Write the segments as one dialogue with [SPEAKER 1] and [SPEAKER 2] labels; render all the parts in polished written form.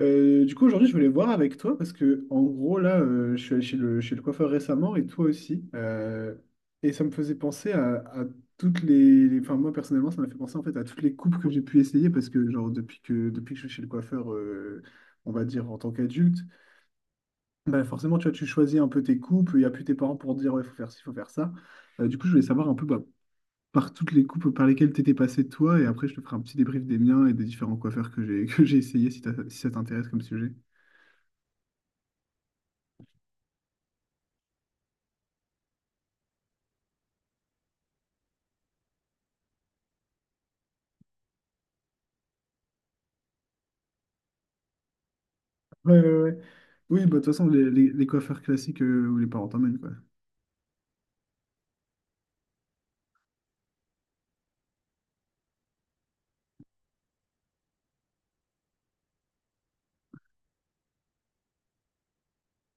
[SPEAKER 1] Du coup, aujourd'hui, je voulais voir avec toi parce que, en gros, là, je suis allé chez le coiffeur récemment et toi aussi. Et ça me faisait penser à toutes Enfin, moi, personnellement, ça m'a fait penser en fait à toutes les coupes que j'ai pu essayer parce que, genre, depuis que je suis chez le coiffeur, on va dire en tant qu'adulte, bah, forcément, tu vois, tu choisis un peu tes coupes, il n'y a plus tes parents pour te dire, ouais, faut faire ci, faut faire ça. Du coup, je voulais savoir un peu, bah, par toutes les coupes par lesquelles tu étais passé toi et après, je te ferai un petit débrief des miens et des différents coiffeurs que j'ai que j'ai essayé, si si ça t'intéresse comme sujet. Ouais, ouais, ouais. Oui, bah, de toute façon, les coiffeurs classiques, où les parents t'emmènent, quoi.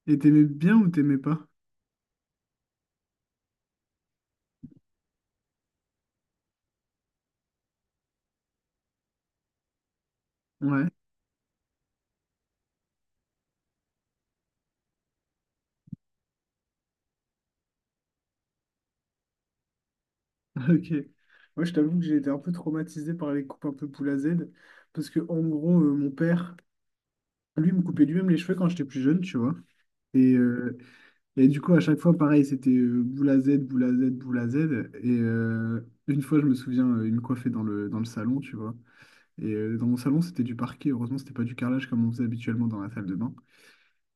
[SPEAKER 1] Et t'aimais bien ou t'aimais pas? Ouais, ok. Moi, je t'avoue que j'ai été un peu traumatisé par les coupes un peu poule à Z. Parce que, en gros, mon père, lui, me coupait lui-même les cheveux quand j'étais plus jeune, tu vois. Et, euh, et du coup, à chaque fois, pareil, c'était boule à Z, boule à Z, boule à Z. Et une fois, je me souviens, il me coiffait dans le salon, tu vois. Et dans mon salon, c'était du parquet. Heureusement, c'était pas du carrelage comme on faisait habituellement dans la salle de bain.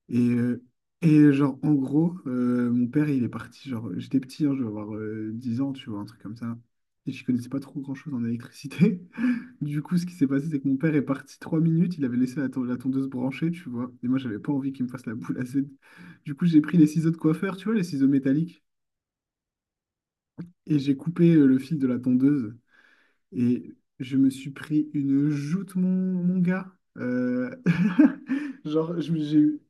[SPEAKER 1] Et, euh, et genre, en gros, mon père, il est parti, genre, j'étais petit, hein, je devais avoir 10 ans, tu vois, un truc comme ça. Et je connaissais pas trop grand-chose en électricité. Du coup, ce qui s'est passé, c'est que mon père est parti 3 minutes, il avait laissé la tondeuse branchée, tu vois. Et moi, j'avais pas envie qu'il me fasse la boule à Z. Du coup, j'ai pris les ciseaux de coiffeur, tu vois, les ciseaux métalliques, et j'ai coupé le fil de la tondeuse. Et je me suis pris une joute, mon gars. Genre, j'ai eu.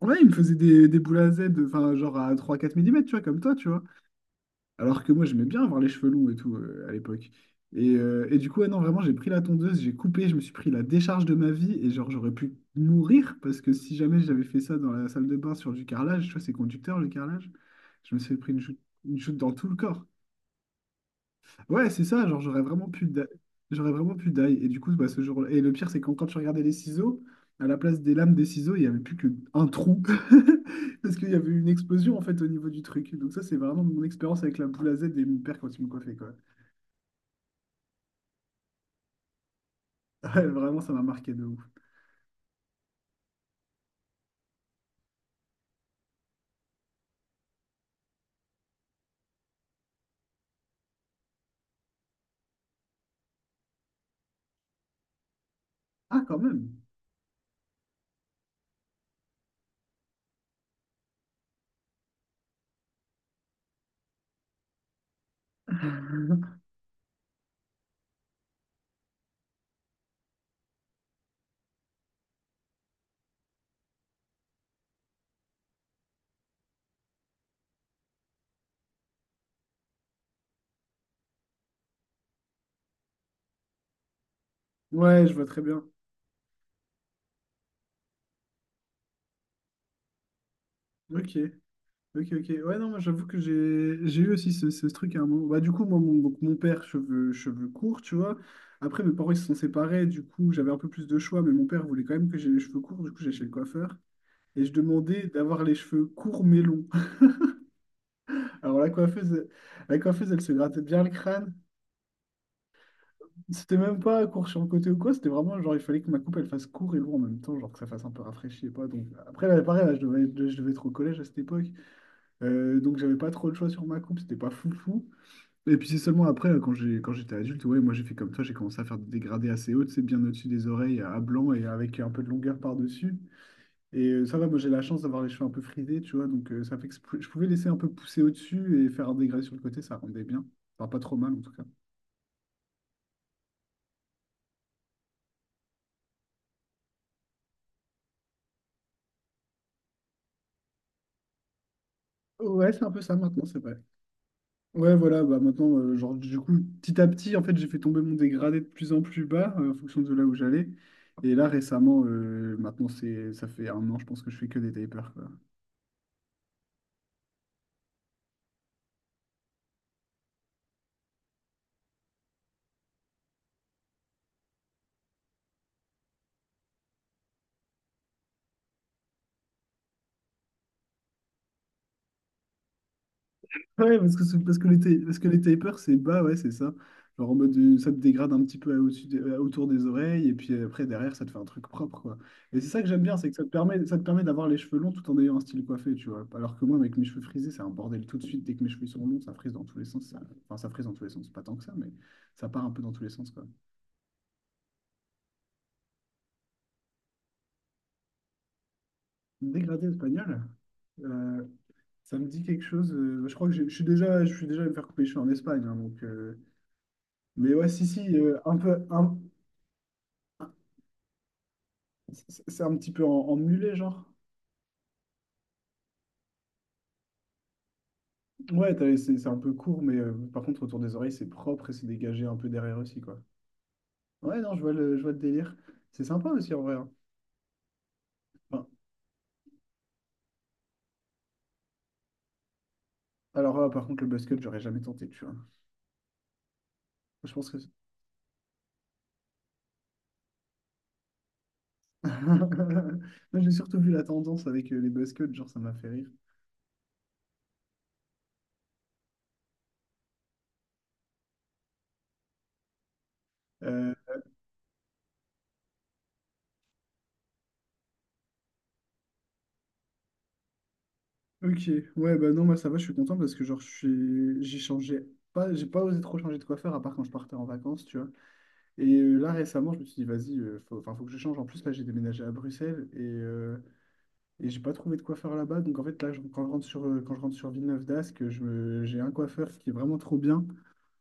[SPEAKER 1] Ouais, il me faisait des boules à Z, enfin, genre à trois quatre millimètres, tu vois, comme toi, tu vois. Alors que moi, j'aimais bien avoir les cheveux longs et tout à l'époque. Et du coup, ouais, non, vraiment, j'ai pris la tondeuse, j'ai coupé, je me suis pris la décharge de ma vie et genre, j'aurais pu mourir parce que si jamais j'avais fait ça dans la salle de bain sur du carrelage, tu vois, c'est conducteur le carrelage, je me suis pris une chute dans tout le corps. Ouais, c'est ça, genre j'aurais vraiment pu die. Et du coup, bah, ce jour. Et le pire, c'est quand, tu regardais les ciseaux, à la place des lames des ciseaux, il n'y avait plus qu'un trou. Parce qu'il y avait une explosion en fait au niveau du truc. Donc ça, c'est vraiment mon expérience avec la boule à Z et mon père quand il me coiffait, quoi. Ouais, vraiment, ça m'a marqué de ouf. Ah, quand même. Ouais, je vois très bien. Ok. Ok, ok. Ouais, non, moi j'avoue que j'ai eu aussi ce truc à un moment. Bah, du coup, moi, mon, donc, mon père, cheveux, cheveux courts, tu vois. Après, mes parents, ils se sont séparés. Du coup, j'avais un peu plus de choix, mais mon père voulait quand même que j'ai les cheveux courts. Du coup, j'ai chez le coiffeur. Et je demandais d'avoir les cheveux courts mais longs. Alors, la coiffeuse, elle se grattait bien le crâne. C'était même pas court sur le côté ou quoi. C'était vraiment genre, il fallait que ma coupe, elle fasse court et long en même temps, genre que ça fasse un peu rafraîchi et pas. Donc, après, là, pareil, là, je devais être au collège à cette époque. Donc, j'avais pas trop le choix sur ma coupe. C'était pas fou fou. Et puis c'est seulement après, quand quand j'étais adulte, ouais, moi j'ai fait comme toi, j'ai commencé à faire des dégradés assez hauts, c'est bien au-dessus des oreilles, à blanc et avec un peu de longueur par-dessus. Et ça va, moi j'ai la chance d'avoir les cheveux un peu frisés, tu vois, donc ça fait que je pouvais laisser un peu pousser au-dessus et faire un dégradé sur le côté, ça rendait bien. Enfin, pas trop mal en tout cas. Ouais, c'est un peu ça maintenant, c'est vrai. Ouais, voilà, bah maintenant, genre du coup, petit à petit, en fait, j'ai fait tomber mon dégradé de plus en plus bas, en fonction de là où j'allais. Et là, récemment, maintenant, ça fait un an, je pense que je fais que des tapers, quoi. Ouais, parce que, parce que les tapers, c'est bas, ouais, c'est ça. Genre en mode, ça te dégrade un petit peu au-dessus autour des oreilles, et puis après, derrière, ça te fait un truc propre, quoi. Et c'est ça que j'aime bien, c'est que ça te permet d'avoir les cheveux longs tout en ayant un style coiffé, tu vois. Alors que moi, avec mes cheveux frisés, c'est un bordel tout de suite. Dès que mes cheveux sont longs, ça frise dans tous les sens. Enfin, ça frise dans tous les sens, pas tant que ça, mais ça part un peu dans tous les sens, quoi. Dégradé espagnol, euh, ça me dit quelque chose. Je crois que je suis déjà allé me faire couper les cheveux en Espagne, hein, donc... Mais ouais, si, si, un peu... Un... C'est un petit peu en mulet, genre. Ouais, c'est un peu court, mais par contre, autour des oreilles, c'est propre et c'est dégagé un peu derrière aussi, quoi. Ouais, non, je vois je vois le délire. C'est sympa aussi, en vrai, hein. Enfin, alors là, par contre, le buzzcut, j'aurais jamais tenté, tu vois. Je pense que... Moi, j'ai surtout vu la tendance avec les buzzcuts, genre, ça m'a fait rire. Euh, ok, ouais, bah non, moi, ça va, je suis content parce que, genre, je suis... j'ai changé... Pas, j'ai pas osé trop changer de coiffeur, à part quand je partais en vacances, tu vois. Et là, récemment, je me suis dit, vas-y, faut, enfin, faut que je change. En plus, là, j'ai déménagé à Bruxelles et j'ai pas trouvé de coiffeur là-bas. Donc, en fait, là, quand je rentre sur Villeneuve-d'Ascq, j'ai un coiffeur qui est vraiment trop bien.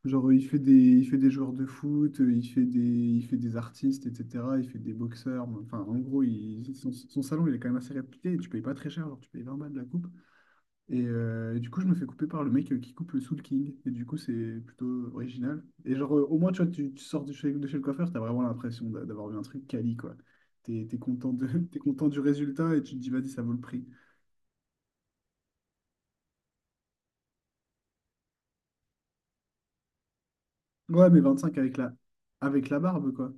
[SPEAKER 1] Genre, il fait des joueurs de foot, il fait des artistes, etc. Il fait des boxeurs. Enfin, en gros, son salon, il est quand même assez réputé, et tu payes pas très cher, genre, tu payes 20 balles de la coupe. Et du coup, je me fais couper par le mec qui coupe le Soul King. Et du coup, c'est plutôt original. Et genre, au moins, tu vois, tu sors de chez le coiffeur, t'as vraiment l'impression d'avoir vu un truc quali, quoi. T'es content de. T'es content du résultat et tu te dis, vas-y, ça vaut le prix. Ouais, mais 25 avec avec la barbe, quoi.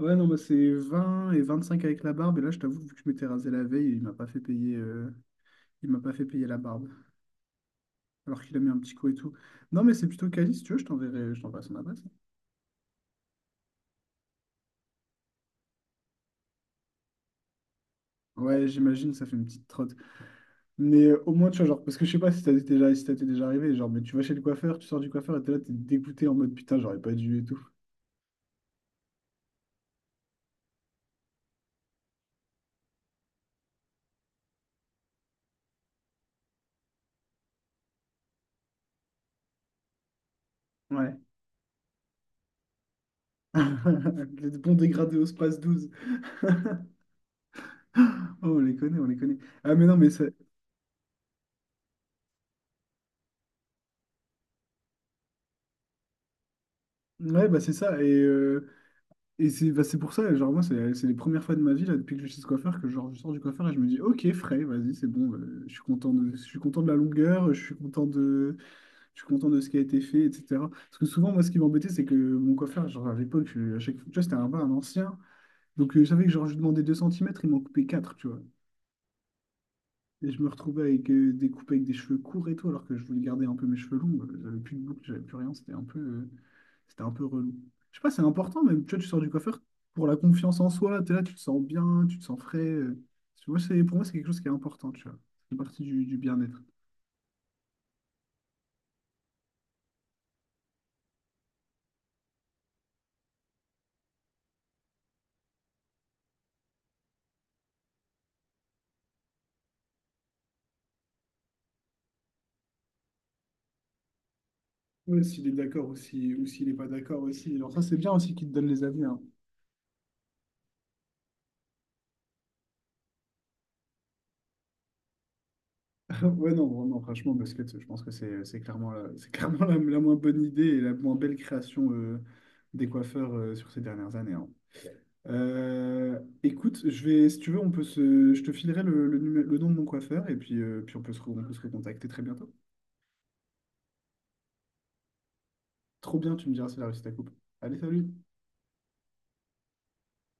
[SPEAKER 1] Ouais, non, bah, c'est 20 et 25 avec la barbe. Et là, je t'avoue, vu que je m'étais rasé la veille, il m'a pas fait payer la barbe. Alors qu'il a mis un petit coup et tout. Non, mais c'est plutôt quali, si tu veux, je t'enverrai son adresse. Ouais, j'imagine, ça fait une petite trotte. Mais au moins, tu vois, genre, parce que je sais pas si t'es déjà arrivé, genre, mais tu vas chez le coiffeur, tu sors du coiffeur et t'es là, t'es dégoûté en mode putain, j'aurais pas dû et tout. Ouais. Les bons dégradés au Space 12. Oh, on les connaît, on les connaît. Ah, mais non, mais ça... ouais, bah c'est ça. Et et c'est bah, c'est pour ça, genre, moi, c'est les premières fois de ma vie, là, depuis que je suis chez coiffeur, que genre, je sors du coiffeur et je me dis, ok, frais, vas-y, c'est bon, je suis content de... je suis content de la longueur, je suis content de ce qui a été fait, etc. Parce que souvent, moi, ce qui m'embêtait, c'est que mon coiffeur, genre à l'époque, à chaque fois, tu vois, c'était un ancien. Donc, je savais que genre, je lui demandais 2 centimètres il m'en coupait 4 tu vois. Et je me retrouvais avec des coupes avec des cheveux courts et tout, alors que je voulais garder un peu mes cheveux longs. J'avais plus de boucle, j'avais plus rien. C'était un peu relou. Je sais pas, c'est important, même, tu vois, tu sors du coiffeur pour la confiance en soi. T'es là, tu te sens bien, tu te sens frais. Moi, pour moi, c'est quelque chose qui est important, tu vois. C'est partie du bien-être. Ouais, s'il est d'accord ou ou s'il n'est pas d'accord aussi. Alors ça, c'est bien aussi qu'il te donne les avis, hein. Ouais, non, vraiment, franchement, basket, je pense que c'est clairement la moins bonne idée et la moins belle création des coiffeurs sur ces dernières années, hein. Écoute, je vais, si tu veux, je te filerai le nom de mon coiffeur et puis, puis on peut se recontacter très bientôt. Trop bien, tu me diras si la réussi à coupe. Allez, salut!